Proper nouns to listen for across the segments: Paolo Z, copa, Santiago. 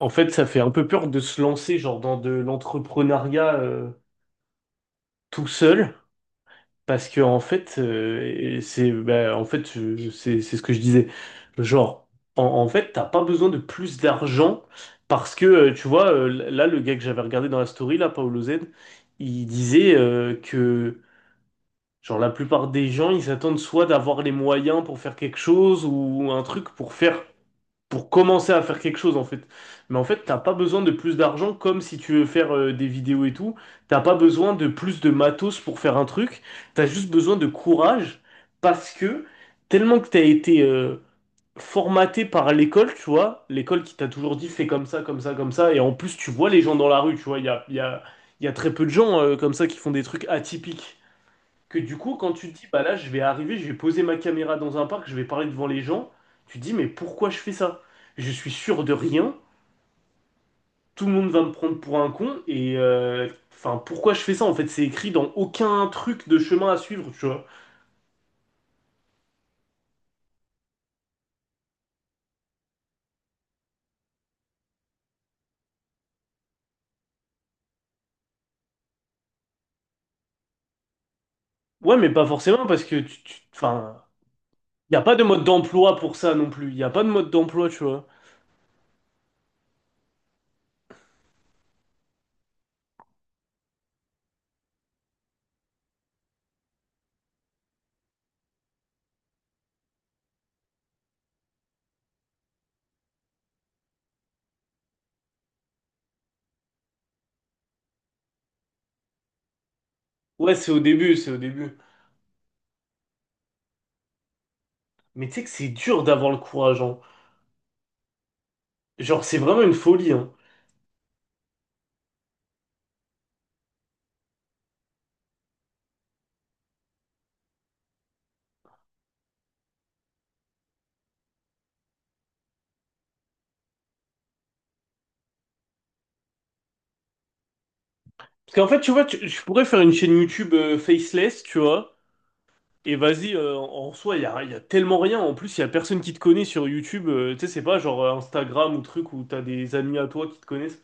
En fait, ça fait un peu peur de se lancer genre dans de l'entrepreneuriat tout seul, parce que en fait, et c'est bah, en fait c'est ce que je disais. Genre, en fait, t'as pas besoin de plus d'argent parce que tu vois là le gars que j'avais regardé dans la story là, Paolo Z, il disait que genre la plupart des gens ils s'attendent soit d'avoir les moyens pour faire quelque chose ou un truc pour faire pour commencer à faire quelque chose en fait. Mais en fait, t'as pas besoin de plus d'argent comme si tu veux faire des vidéos et tout. T'as pas besoin de plus de matos pour faire un truc. T'as juste besoin de courage parce que tellement que t'as été formaté par l'école, tu vois, l'école qui t'a toujours dit fais comme ça, comme ça, comme ça. Et en plus, tu vois les gens dans la rue, tu vois, il y a très peu de gens comme ça qui font des trucs atypiques que du coup, quand tu te dis, bah là, je vais arriver, je vais poser ma caméra dans un parc, je vais parler devant les gens, tu te dis, mais pourquoi je fais ça? Je suis sûr de rien, tout le monde va me prendre pour un con, et enfin, pourquoi je fais ça? En fait, c'est écrit dans aucun truc de chemin à suivre, tu vois. Ouais, mais pas forcément, parce que, enfin, il n'y a pas de mode d'emploi pour ça non plus, il n'y a pas de mode d'emploi, tu vois. Ouais, c'est au début, c'est au début. Mais tu sais que c'est dur d'avoir le courage, hein. Genre, c'est vraiment une folie, hein. Parce qu'en fait, tu vois, je pourrais faire une chaîne YouTube faceless, tu vois. Et vas-y, en soi, y a tellement rien. En plus, il y a personne qui te connaît sur YouTube. Tu sais, c'est pas genre Instagram ou truc où t'as des amis à toi qui te connaissent.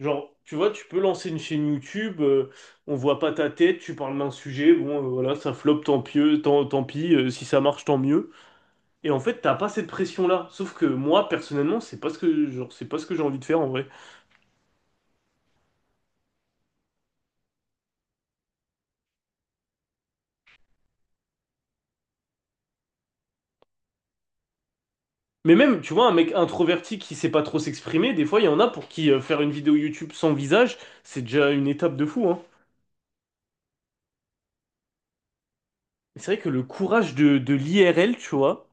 Genre, tu vois, tu peux lancer une chaîne YouTube, on voit pas ta tête, tu parles d'un sujet, bon, voilà, ça floppe, tant pis, tant pis, si ça marche, tant mieux. Et en fait, t'as pas cette pression-là. Sauf que moi, personnellement, c'est pas ce que, genre, c'est pas ce que j'ai envie de faire en vrai. Mais même, tu vois, un mec introverti qui sait pas trop s'exprimer, des fois, il y en a pour qui faire une vidéo YouTube sans visage, c'est déjà une étape de fou, hein. C'est vrai que le courage de l'IRL, tu vois,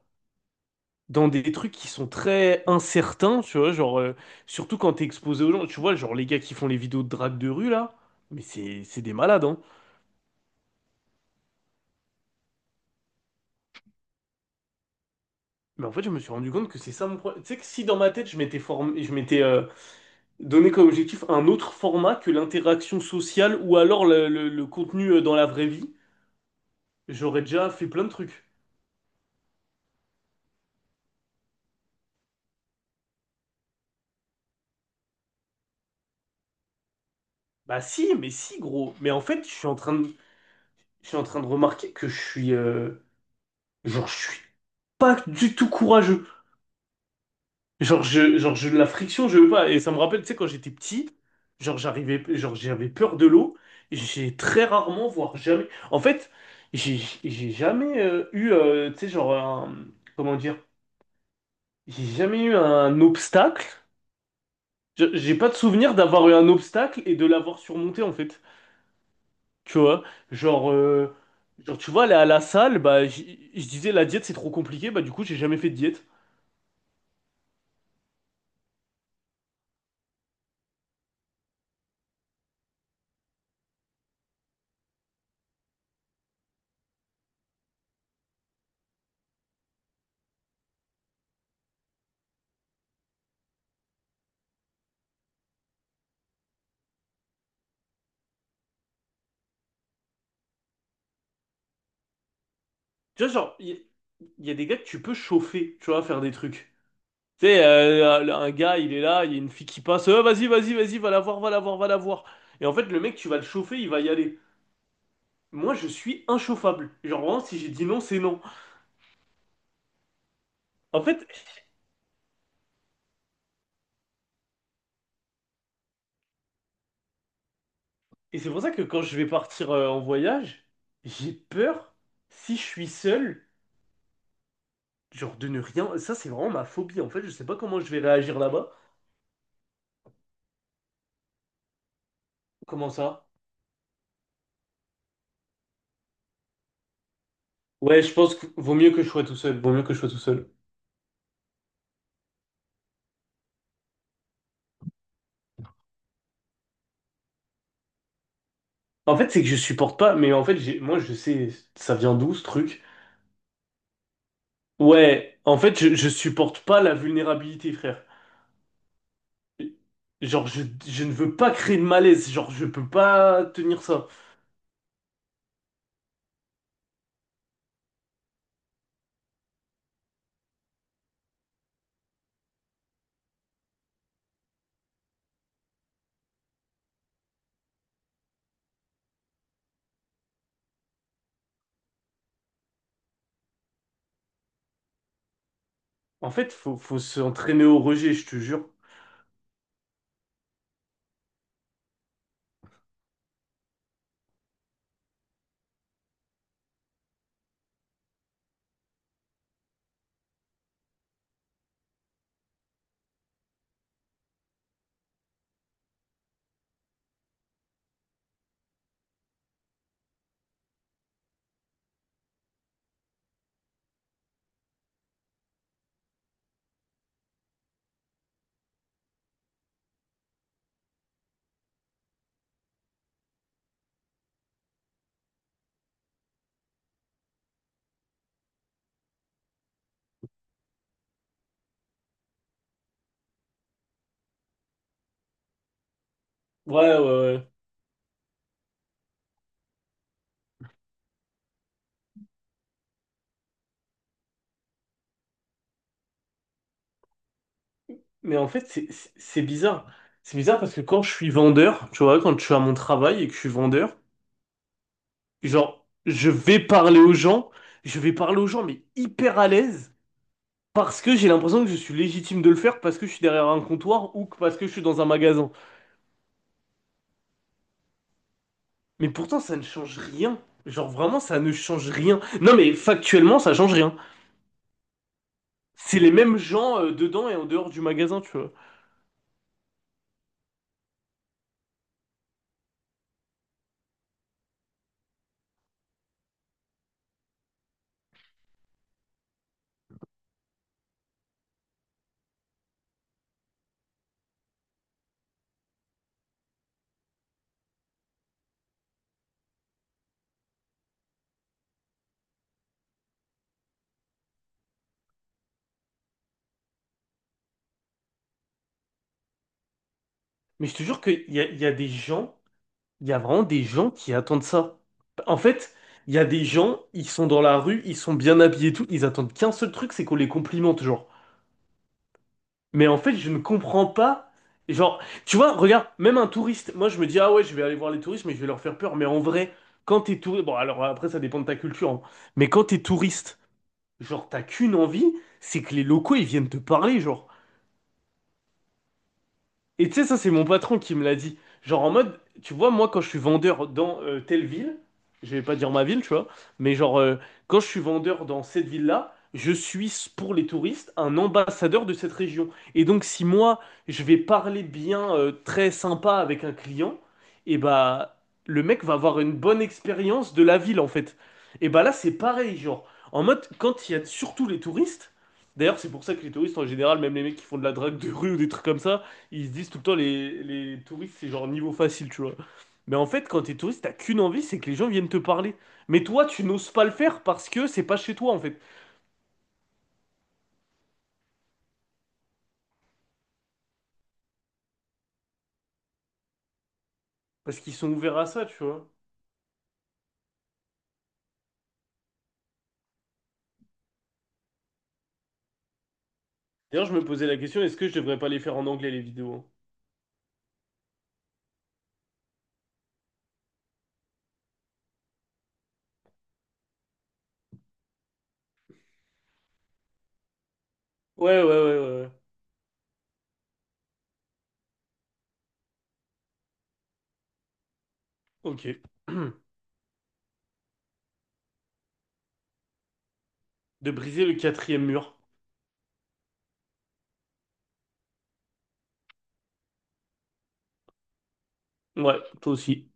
dans des trucs qui sont très incertains, tu vois, genre, surtout quand t'es exposé aux gens, tu vois, genre les gars qui font les vidéos de drague de rue, là, mais c'est des malades, hein. Mais en fait, je me suis rendu compte que c'est ça mon problème. Tu sais que si dans ma tête, je m'étais formé, je m'étais donné comme objectif un autre format que l'interaction sociale ou alors le contenu dans la vraie vie, j'aurais déjà fait plein de trucs. Bah si, mais si, gros. Mais en fait, je suis en train de remarquer que je suis... Genre, je suis pas du tout courageux. La friction, je veux pas. Et ça me rappelle, tu sais, quand j'étais petit, genre, j'arrivais, genre, j'avais peur de l'eau. Et j'ai très rarement, voire jamais. En fait, j'ai j'ai jamais tu sais, genre, comment dire, j'ai jamais eu un obstacle. J'ai pas de souvenir d'avoir eu un obstacle et de l'avoir surmonté, en fait. Tu vois, genre, euh, genre, tu vois, aller à la salle, bah, je disais, la diète, c'est trop compliqué, bah, du coup, j'ai jamais fait de diète. Tu vois, genre, il y a des gars que tu peux chauffer, tu vois, faire des trucs. Tu sais, un gars, il est là, il y a une fille qui passe, ah, vas-y, vas-y, vas-y, va la voir, va la voir, va la voir. Et en fait, le mec, tu vas le chauffer, il va y aller. Moi, je suis inchauffable. Genre, vraiment, si j'ai dit non, c'est non. En fait, et c'est pour ça que quand je vais partir en voyage, j'ai peur, si je suis seul, genre, de ne rien. Ça, c'est vraiment ma phobie. En fait, je sais pas comment je vais réagir là-bas. Comment ça? Ouais, je pense que vaut mieux que je sois tout seul. Vaut mieux que je sois tout seul. En fait, c'est que je supporte pas, mais en fait, moi, je sais, ça vient d'où ce truc? Ouais, en fait, je supporte pas la vulnérabilité, frère. Genre, je ne veux pas créer de malaise, genre, je peux pas tenir ça. En fait, faut s'entraîner au rejet, je te jure. Ouais, ouais, ouais. Mais en fait, c'est bizarre. C'est bizarre parce que quand je suis vendeur, tu vois, quand je suis à mon travail et que je suis vendeur, genre, je vais parler aux gens, je vais parler aux gens, mais hyper à l'aise. Parce que j'ai l'impression que je suis légitime de le faire parce que je suis derrière un comptoir ou que parce que je suis dans un magasin. Mais pourtant, ça ne change rien. Genre vraiment, ça ne change rien. Non mais factuellement, ça change rien. C'est les mêmes gens dedans et en dehors du magasin, tu vois. Mais je te jure qu'il y a des gens, il y a vraiment des gens qui attendent ça. En fait, il y a des gens, ils sont dans la rue, ils sont bien habillés et tout, ils attendent qu'un seul truc, c'est qu'on les complimente, genre. Mais en fait, je ne comprends pas. Genre, tu vois, regarde, même un touriste, moi je me dis, ah ouais, je vais aller voir les touristes, mais je vais leur faire peur. Mais en vrai, quand t'es touriste, bon, alors après, ça dépend de ta culture, hein. Mais quand t'es touriste, genre, t'as qu'une envie, c'est que les locaux, ils viennent te parler, genre. Et tu sais, ça, c'est mon patron qui me l'a dit. Genre en mode, tu vois, moi, quand je suis vendeur dans telle ville, je vais pas dire ma ville, tu vois, mais genre, quand je suis vendeur dans cette ville-là, je suis, pour les touristes, un ambassadeur de cette région. Et donc, si moi, je vais parler bien, très sympa avec un client, et bah, le mec va avoir une bonne expérience de la ville, en fait. Et bah là, c'est pareil, genre, en mode, quand il y a surtout les touristes, d'ailleurs, c'est pour ça que les touristes en général, même les mecs qui font de la drague de rue ou des trucs comme ça, ils se disent tout le temps, les touristes, c'est genre niveau facile, tu vois. Mais en fait, quand t'es touriste, t'as qu'une envie, c'est que les gens viennent te parler. Mais toi, tu n'oses pas le faire parce que c'est pas chez toi, en fait. Parce qu'ils sont ouverts à ça, tu vois. D'ailleurs, je me posais la question, est-ce que je devrais pas les faire en anglais, les vidéos? Hein. Ouais, ouais, ouais, ouais, ouais. Ok. De briser le quatrième mur. Ouais, toi aussi.